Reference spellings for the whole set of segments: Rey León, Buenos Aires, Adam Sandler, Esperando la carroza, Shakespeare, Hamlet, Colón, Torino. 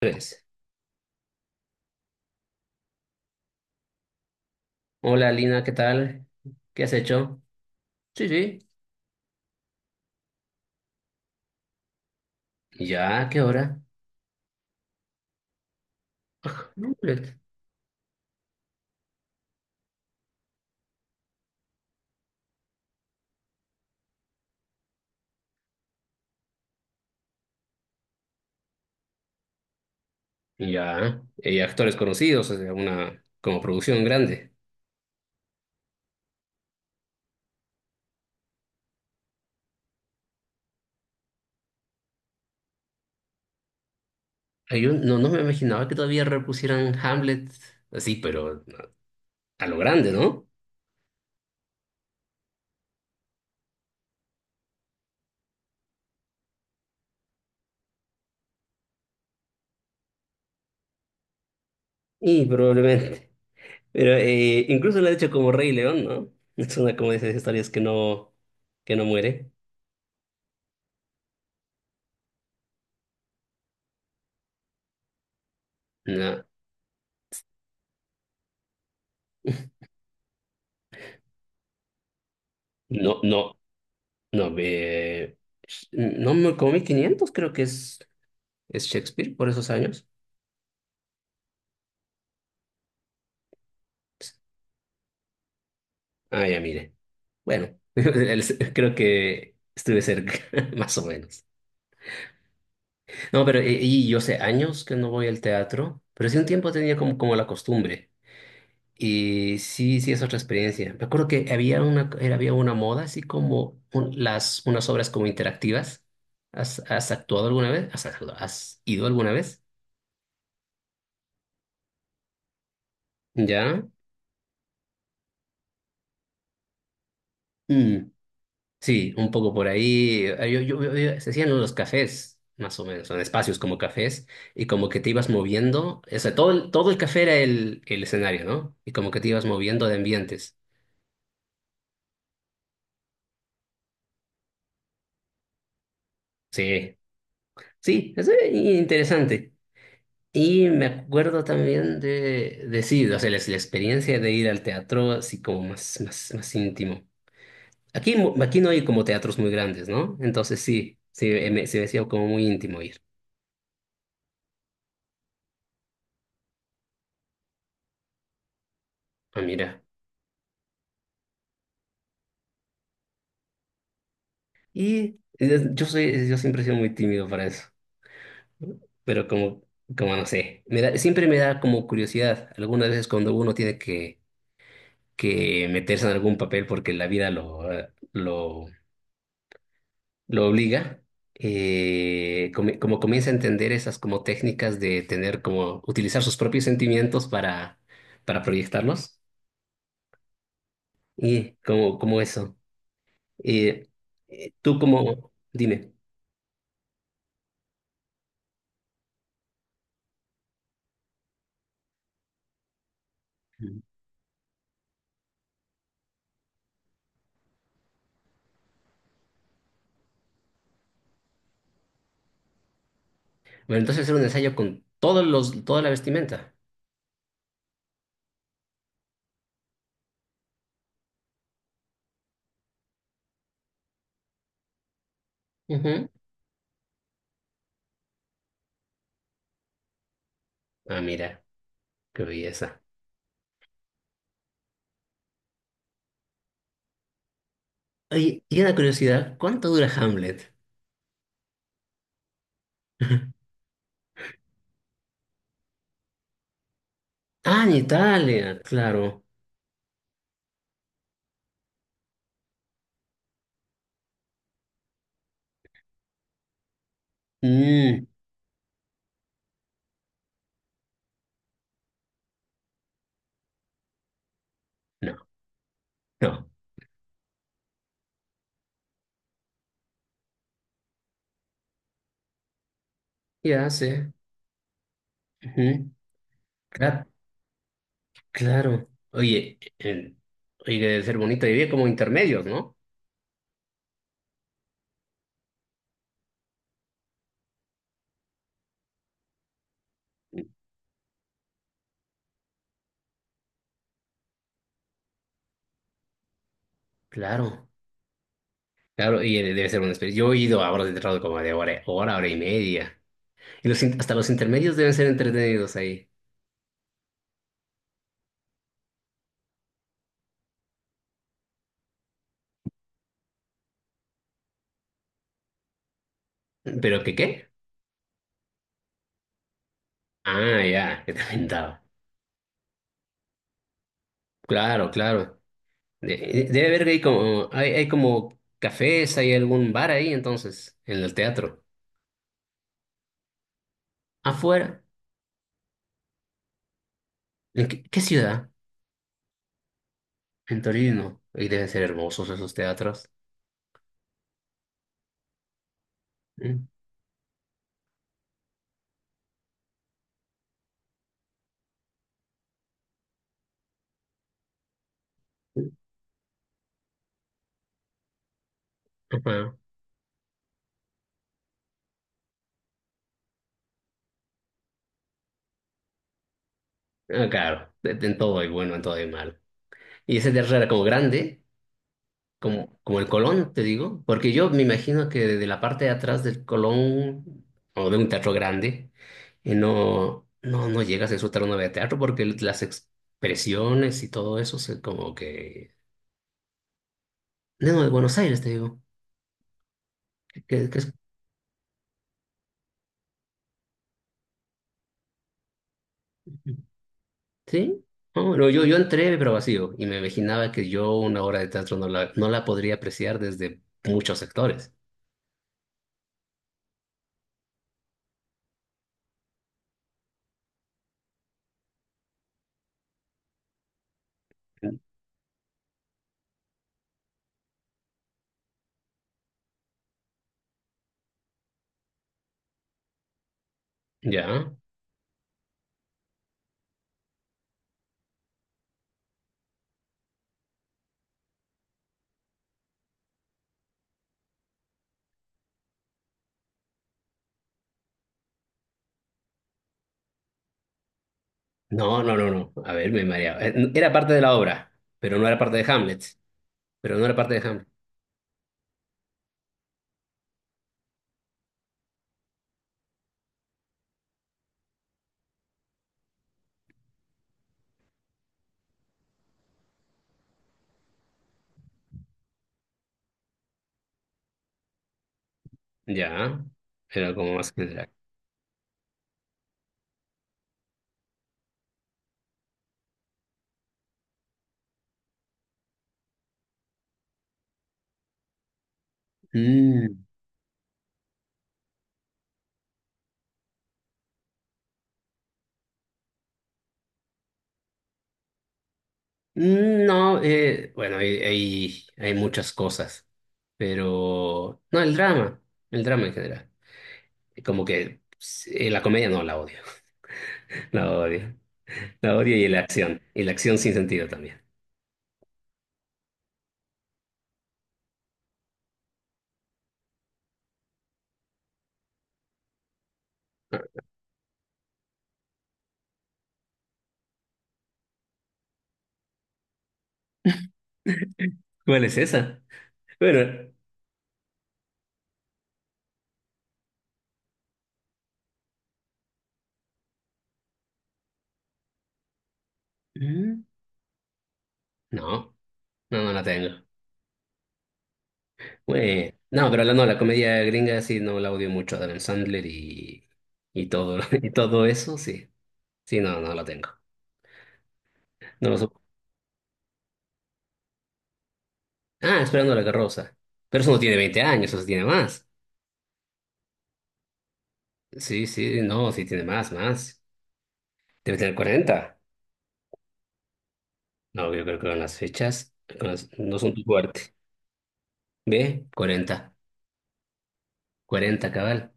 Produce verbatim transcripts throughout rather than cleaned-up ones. Tres. Hola Lina, ¿qué tal? ¿Qué has hecho? Sí, sí. ¿Y ya? ¿Qué hora? Ah, no, hombre. Y ya. Y actores conocidos, o sea, una como producción grande. Ay, yo no, no me imaginaba que todavía repusieran Hamlet así, pero a lo grande, ¿no? Y probablemente. Pero eh, incluso lo ha hecho como Rey León, ¿no? Es una como de esas historias que no, que no muere. No, no, no, no, eh, no me comí quinientos, creo que es. ¿Es Shakespeare por esos años? Ah, ya mire. Bueno, el- creo que estuve cerca, más o menos. No, pero eh, y yo sé años que no voy al teatro, pero sí un tiempo tenía como, como la costumbre. Y sí, sí es otra experiencia. Me acuerdo que había una, era- había una moda así como un- las, unas obras como interactivas. ¿Has, has actuado alguna vez? ¿Has, actuado- has ido alguna vez? ¿Ya? Mm. Sí, un poco por ahí. eh, Yo, yo- yo- eh, se hacían unos cafés, más o menos, en espacios como cafés, y como que te ibas moviendo. O sea, todo el, todo el café era el, el escenario, ¿no? Y como que te ibas moviendo de ambientes. Sí, sí, es eh, interesante. Y me acuerdo también de, de sí, o sea, la, la experiencia de ir al teatro así como más, más, más íntimo. Aquí, mo- aquí no hay como teatros muy grandes, ¿no? Entonces sí, sí, eh, me- se me hacía como muy íntimo ir. Ah, mira. Y eh, yo soy, yo siempre he sido muy tímido para eso, pero como, como no sé, me da, siempre me da como curiosidad. Algunas veces cuando uno tiene que, que meterse en algún papel porque la vida lo, eh, lo, lo obliga, eh, come- como comienza a entender esas como técnicas de tener como utilizar sus propios sentimientos para, para proyectarlos y como, como eso. Eh, eh, tú como, dime. Bueno, entonces hacer un ensayo con todos los, toda la vestimenta. Ujú. Ah, mira, qué belleza. Oye, y una curiosidad, ¿cuánto dura Hamlet? Ah, en Italia, claro. Mm, no, no. Ya sé. Ujú. Cla- claro. Oye, el- oye, debe ser bonito vivir como intermedios, ¿no? Claro, claro, y debe ser una experiencia. Yo he ido a horas de trabajo como de hora, hora, hora y media. Y los, in- hasta los intermedios deben ser entretenidos ahí. ¿Pero qué qué? Ah, ya, que te aventaba. Claro, claro. De- Debe haber ahí como, hay, hay como cafés, hay algún bar ahí entonces, en el teatro. Afuera, ¿en qué, qué ciudad? En Torino. Y deben ser hermosos esos teatros. Mm, mm, ajá. Ah, claro, de- de- en todo hay bueno, en todo hay malo. Y ese teatro era como grande, como, como el Colón, te digo, porque yo me imagino que de la parte de atrás del Colón, o de un teatro grande, y no, no, no llegas a disfrutar una obra de teatro porque las expresiones y todo eso se como que. No, de Buenos Aires te digo. Que, que es-. ¿Sí? No, no, yo, yo entré pero vacío y me imaginaba que yo una obra de teatro no la, no la podría apreciar desde muchos sectores. ¿Ya? No, no, no, no. A ver, me mareaba. Eh, Era parte de la obra, pero no era parte de Hamlet. Pero no era parte de Hamlet. ¿Ya? Era como más general. Mm, mm, no, eh, bueno, hay, hay, hay muchas cosas, pero. No, el drama. El drama en general. Como que pues, eh, la comedia no la odio. La odio. La odio y la acción. Y la acción sin sentido también. ¿Cuál es esa? Bueno, ¿Mm? No, no, no la tengo. Bueno, no, pero la, no, la comedia gringa sí no la odio mucho. Adam Sandler y, y todo, y todo eso, sí. Sí, no, no la tengo. No lo supo. Ah, Esperando la carroza. Pero eso no tiene veinte años, eso sí tiene más. Sí, sí, no, sí tiene más, más. Debe tener cuarenta. No, yo creo que con las fechas, con las- no son tu fuerte. ¿Ve? Cuarenta, cuarenta, cabal.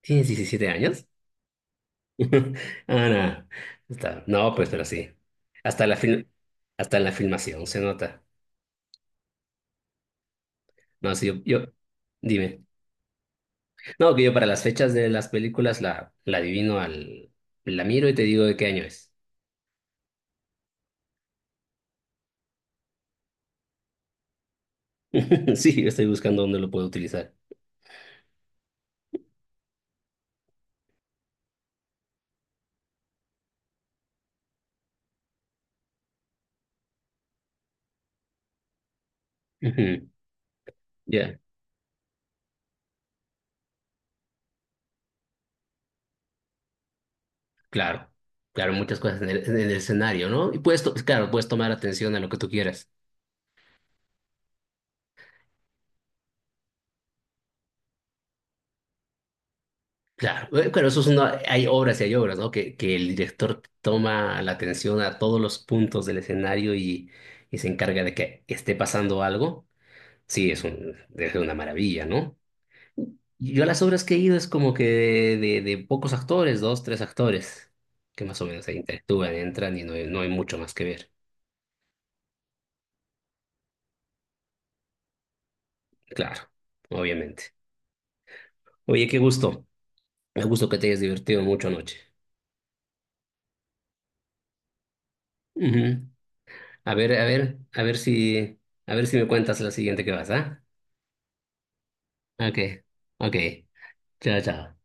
¿Tienes diecisiete años? Ah, no. Está- No, pues, pero sí. Hasta la fil- Hasta en la filmación se nota. No, sí, yo, yo- dime. No, que yo para las fechas de las películas la, la adivino al, la miro y te digo de qué año es. Sí, yo estoy buscando dónde lo puedo utilizar. Ujú, ya, claro. Claro, muchas cosas en el, en el escenario, ¿no? Y puedes, to- claro, puedes tomar atención a lo que tú quieras. Claro, eh, pero eso es una, hay obras y hay obras, ¿no? Que, que el director toma la atención a todos los puntos del escenario y, y se encarga de que esté pasando algo. Sí, es un, debe ser una maravilla, ¿no? Y yo a las obras que he ido es como que de, de, de pocos actores, dos, tres actores, que más o menos se interactúan, entran y no hay, no hay mucho más que ver. Claro, obviamente. Oye, qué gusto. Me gusto que te hayas divertido mucho anoche. Ujú. A ver, a ver, a ver si, a ver si me cuentas la siguiente que vas, ¿ah? Ok, ok. Chao, chao.